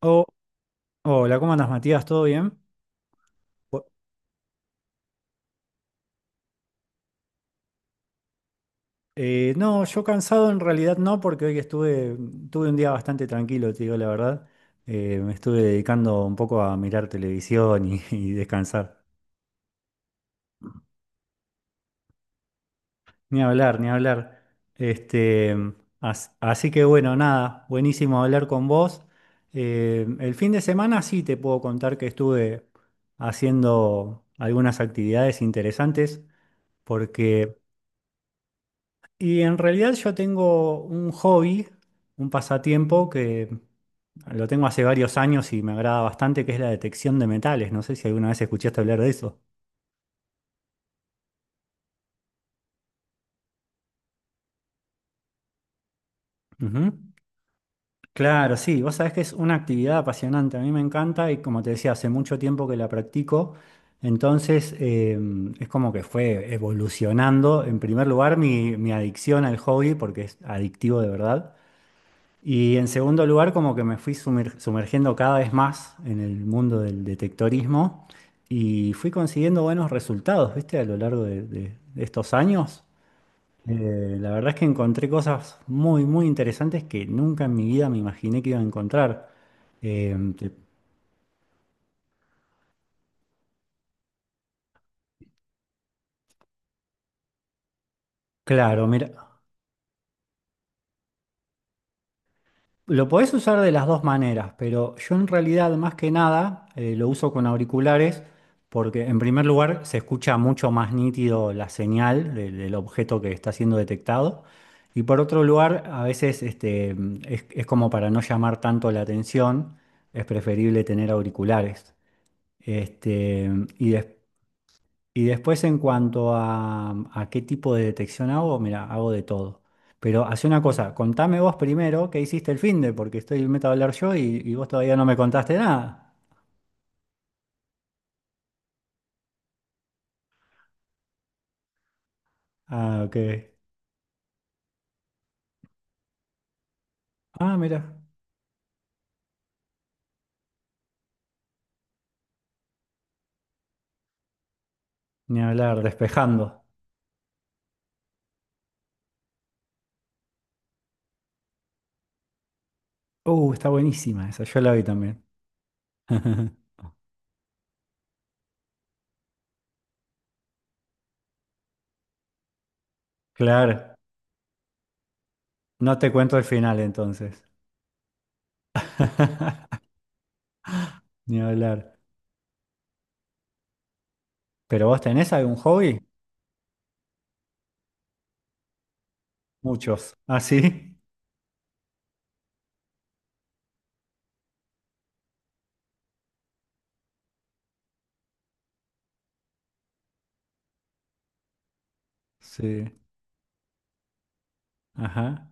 Oh, hola, ¿cómo andas, Matías? ¿Todo bien? Bu- no, yo cansado en realidad no, porque hoy tuve un día bastante tranquilo, te digo la verdad. Me estuve dedicando un poco a mirar televisión y, y descansar. Ni hablar, ni hablar. Este, Así que bueno, nada, buenísimo hablar con vos. El fin de semana sí te puedo contar que estuve haciendo algunas actividades interesantes, porque. Y en realidad yo tengo un hobby, un pasatiempo que lo tengo hace varios años y me agrada bastante, que es la detección de metales. No sé si alguna vez escuchaste hablar de eso. Ujú. Claro, sí, vos sabés que es una actividad apasionante, a mí me encanta y como te decía, hace mucho tiempo que la practico, entonces es como que fue evolucionando, en primer lugar, mi adicción al hobby, porque es adictivo de verdad. Y en segundo lugar, como que me fui sumergiendo cada vez más en el mundo del detectorismo y fui consiguiendo buenos resultados, ¿viste? A lo largo de estos años. La verdad es que encontré cosas muy, muy interesantes que nunca en mi vida me imaginé que iba a encontrar. Eh, te- claro, mira, lo podés usar de las dos maneras, pero yo en realidad más que nada lo uso con auriculares porque en primer lugar se escucha mucho más nítido la señal del objeto que está siendo detectado y por otro lugar a veces es como para no llamar tanto la atención, es preferible tener auriculares. Este, y después en cuanto a qué tipo de detección hago, mira, hago de todo. Pero hace una cosa, contame vos primero qué hiciste el finde, porque estoy meto a hablar yo y vos todavía no me contaste nada. Ah, ok. Ah, mira, ni hablar, despejando. Está buenísima esa, yo la vi también. Claro, no te cuento el final entonces. Ni hablar. ¿Pero vos tenés algún hobby? Muchos. ¿Ah, sí? Sí. Ajá.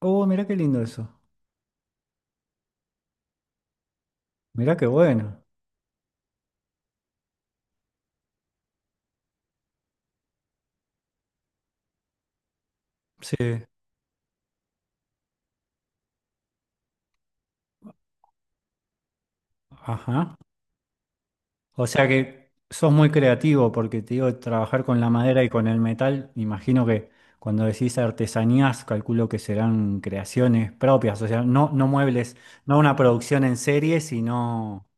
Oh, mirá qué lindo eso. Mirá qué bueno. Sí. Ajá. O sea que sos muy creativo porque te digo, trabajar con la madera y con el metal, me imagino que cuando decís artesanías, calculo que serán creaciones propias, o sea, no, no muebles, no una producción en serie, sino,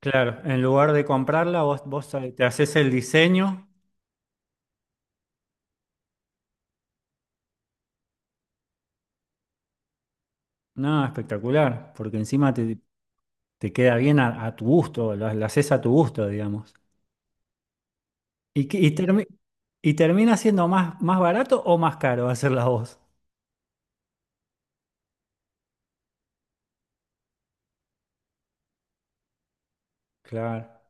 claro, en lugar de comprarla, vos te haces el diseño. No, espectacular, porque encima te queda bien a tu gusto, la haces a tu gusto, digamos. ¿Y, qué- y, termi- y termina siendo más barato o más caro hacerla vos? Claro.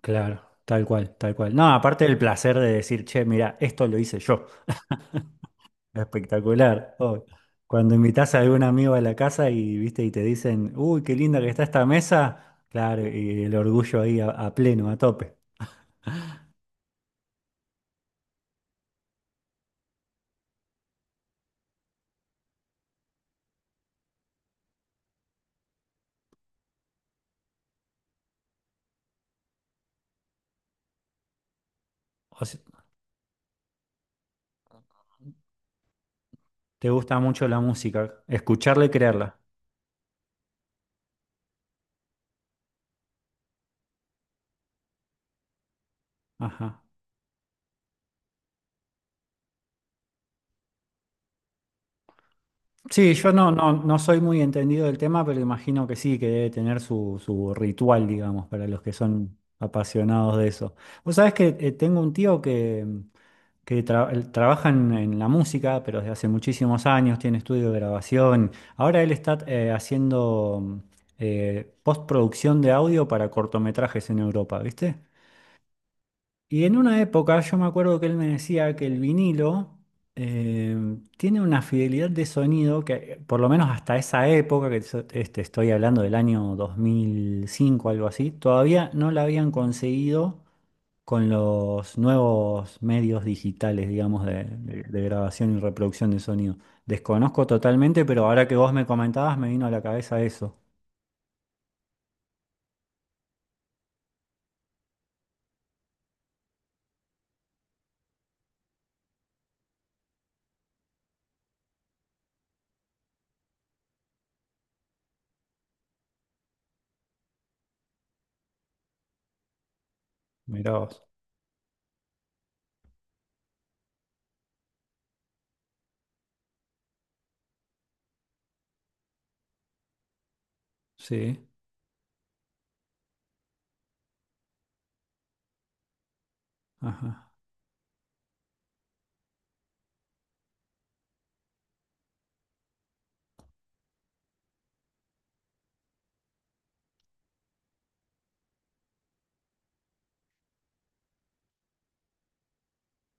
Claro, tal cual, tal cual. No, aparte del placer de decir, che, mira, esto lo hice yo. Espectacular. Oh, cuando invitas a algún amigo a la casa y viste y te dicen, uy, qué linda que está esta mesa, claro, y el orgullo ahí a pleno, a tope. O sea, te gusta mucho la música, escucharla y creerla. Ajá. Sí, yo no, no, no soy muy entendido del tema, pero imagino que sí, que debe tener su ritual, digamos, para los que son apasionados de eso. Vos sabés que tengo un tío que él trabaja en la música, pero desde hace muchísimos años, tiene estudio de grabación. Ahora él está haciendo postproducción de audio para cortometrajes en Europa, ¿viste? Y en una época yo me acuerdo que él me decía que el vinilo eh, tiene una fidelidad de sonido que, por lo menos hasta esa época, que estoy hablando del año 2005, algo así, todavía no la habían conseguido con los nuevos medios digitales, digamos, de grabación y reproducción de sonido. Desconozco totalmente, pero ahora que vos me comentabas, me vino a la cabeza eso. Mirá vos. Sí, ajá,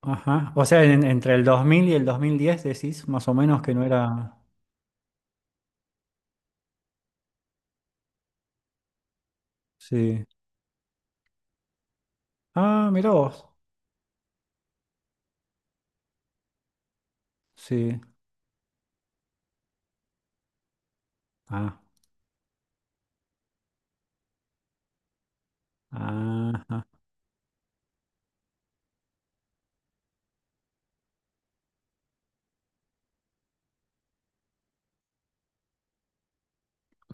ajá. O sea, entre el 2000 y el 2010 decís más o menos que no era. Sí. Ah, mirá vos. Sí. Ah, ajá.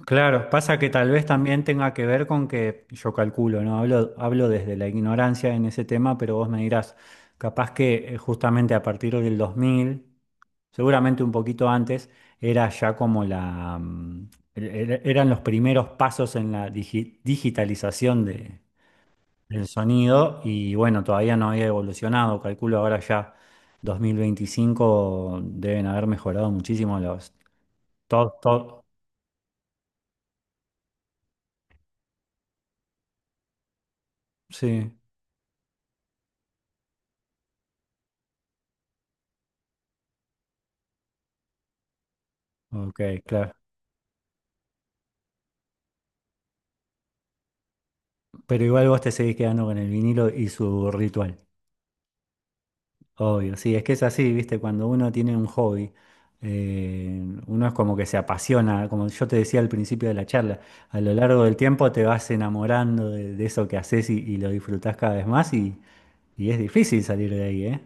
Claro, pasa que tal vez también tenga que ver con que yo calculo, ¿no? Hablo desde la ignorancia en ese tema, pero vos me dirás, capaz que justamente a partir del 2000, seguramente un poquito antes, era ya como la, mm, er- er- eran los primeros pasos en la digitalización del sonido y bueno, todavía no había evolucionado, calculo ahora ya 2025 deben haber mejorado muchísimo los. Todo, todo, sí, ok, claro. Pero igual vos te seguís quedando con el vinilo y su ritual. Obvio, sí, es que es así, viste, cuando uno tiene un hobby, uno es como que se apasiona, como yo te decía al principio de la charla, a lo largo del tiempo te vas enamorando de eso que haces y lo disfrutás cada vez más y es difícil salir de ahí, ¿eh?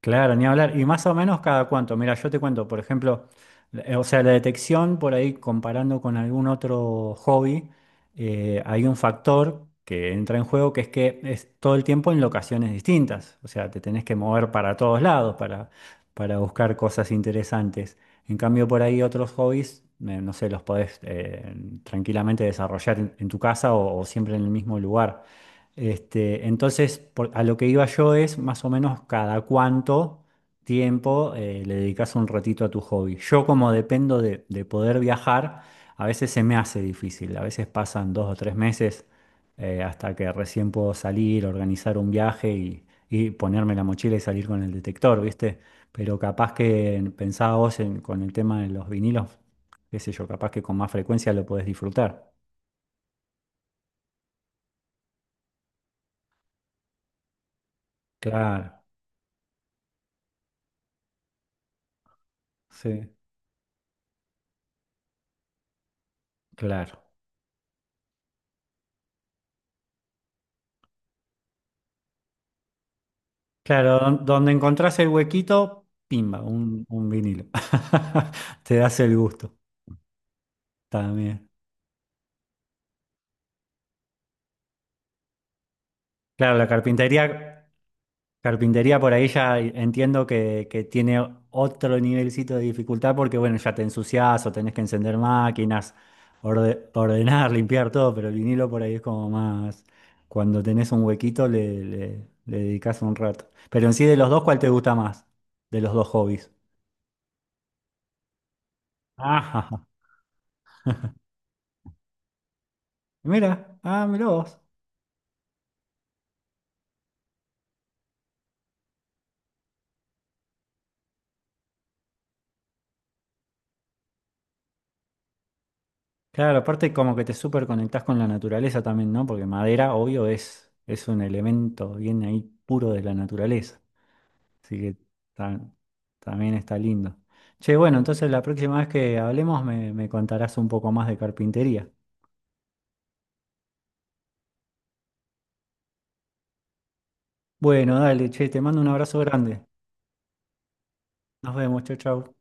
Claro, ni hablar. Y más o menos cada cuánto. Mira, yo te cuento, por ejemplo, o sea, la detección por ahí comparando con algún otro hobby, hay un factor que entra en juego que es todo el tiempo en locaciones distintas. O sea, te tenés que mover para todos lados para buscar cosas interesantes. En cambio, por ahí otros hobbies, no sé, los podés tranquilamente desarrollar en tu casa o siempre en el mismo lugar. Entonces, a lo que iba yo es más o menos cada cuánto tiempo le dedicas un ratito a tu hobby. Yo como dependo de poder viajar, a veces se me hace difícil, a veces pasan 2 o 3 meses hasta que recién puedo salir, organizar un viaje y ponerme la mochila y salir con el detector, ¿viste? Pero capaz que pensaba vos con el tema de los vinilos, qué sé yo, capaz que con más frecuencia lo podés disfrutar. Claro, sí. Claro. Claro, donde encontrás el huequito, pimba, un vinilo. Te das el gusto también. Claro, la carpintería por ahí ya entiendo que, tiene otro nivelcito de dificultad porque, bueno, ya te ensuciás o tenés que encender máquinas, ordenar, limpiar todo, pero el vinilo por ahí es como más, cuando tenés un huequito le dedicás un rato. Pero en sí de los dos, ¿cuál te gusta más? De los dos hobbies. Ajá. Mira, ah, mirá vos. Claro, aparte como que te súper conectás con la naturaleza también, ¿no? Porque madera, obvio, es un elemento bien ahí puro de la naturaleza. Así que ta- también está lindo. Che, bueno, entonces la próxima vez que hablemos me contarás un poco más de carpintería. Bueno, dale, che, te mando un abrazo grande. Nos vemos, chau, chau.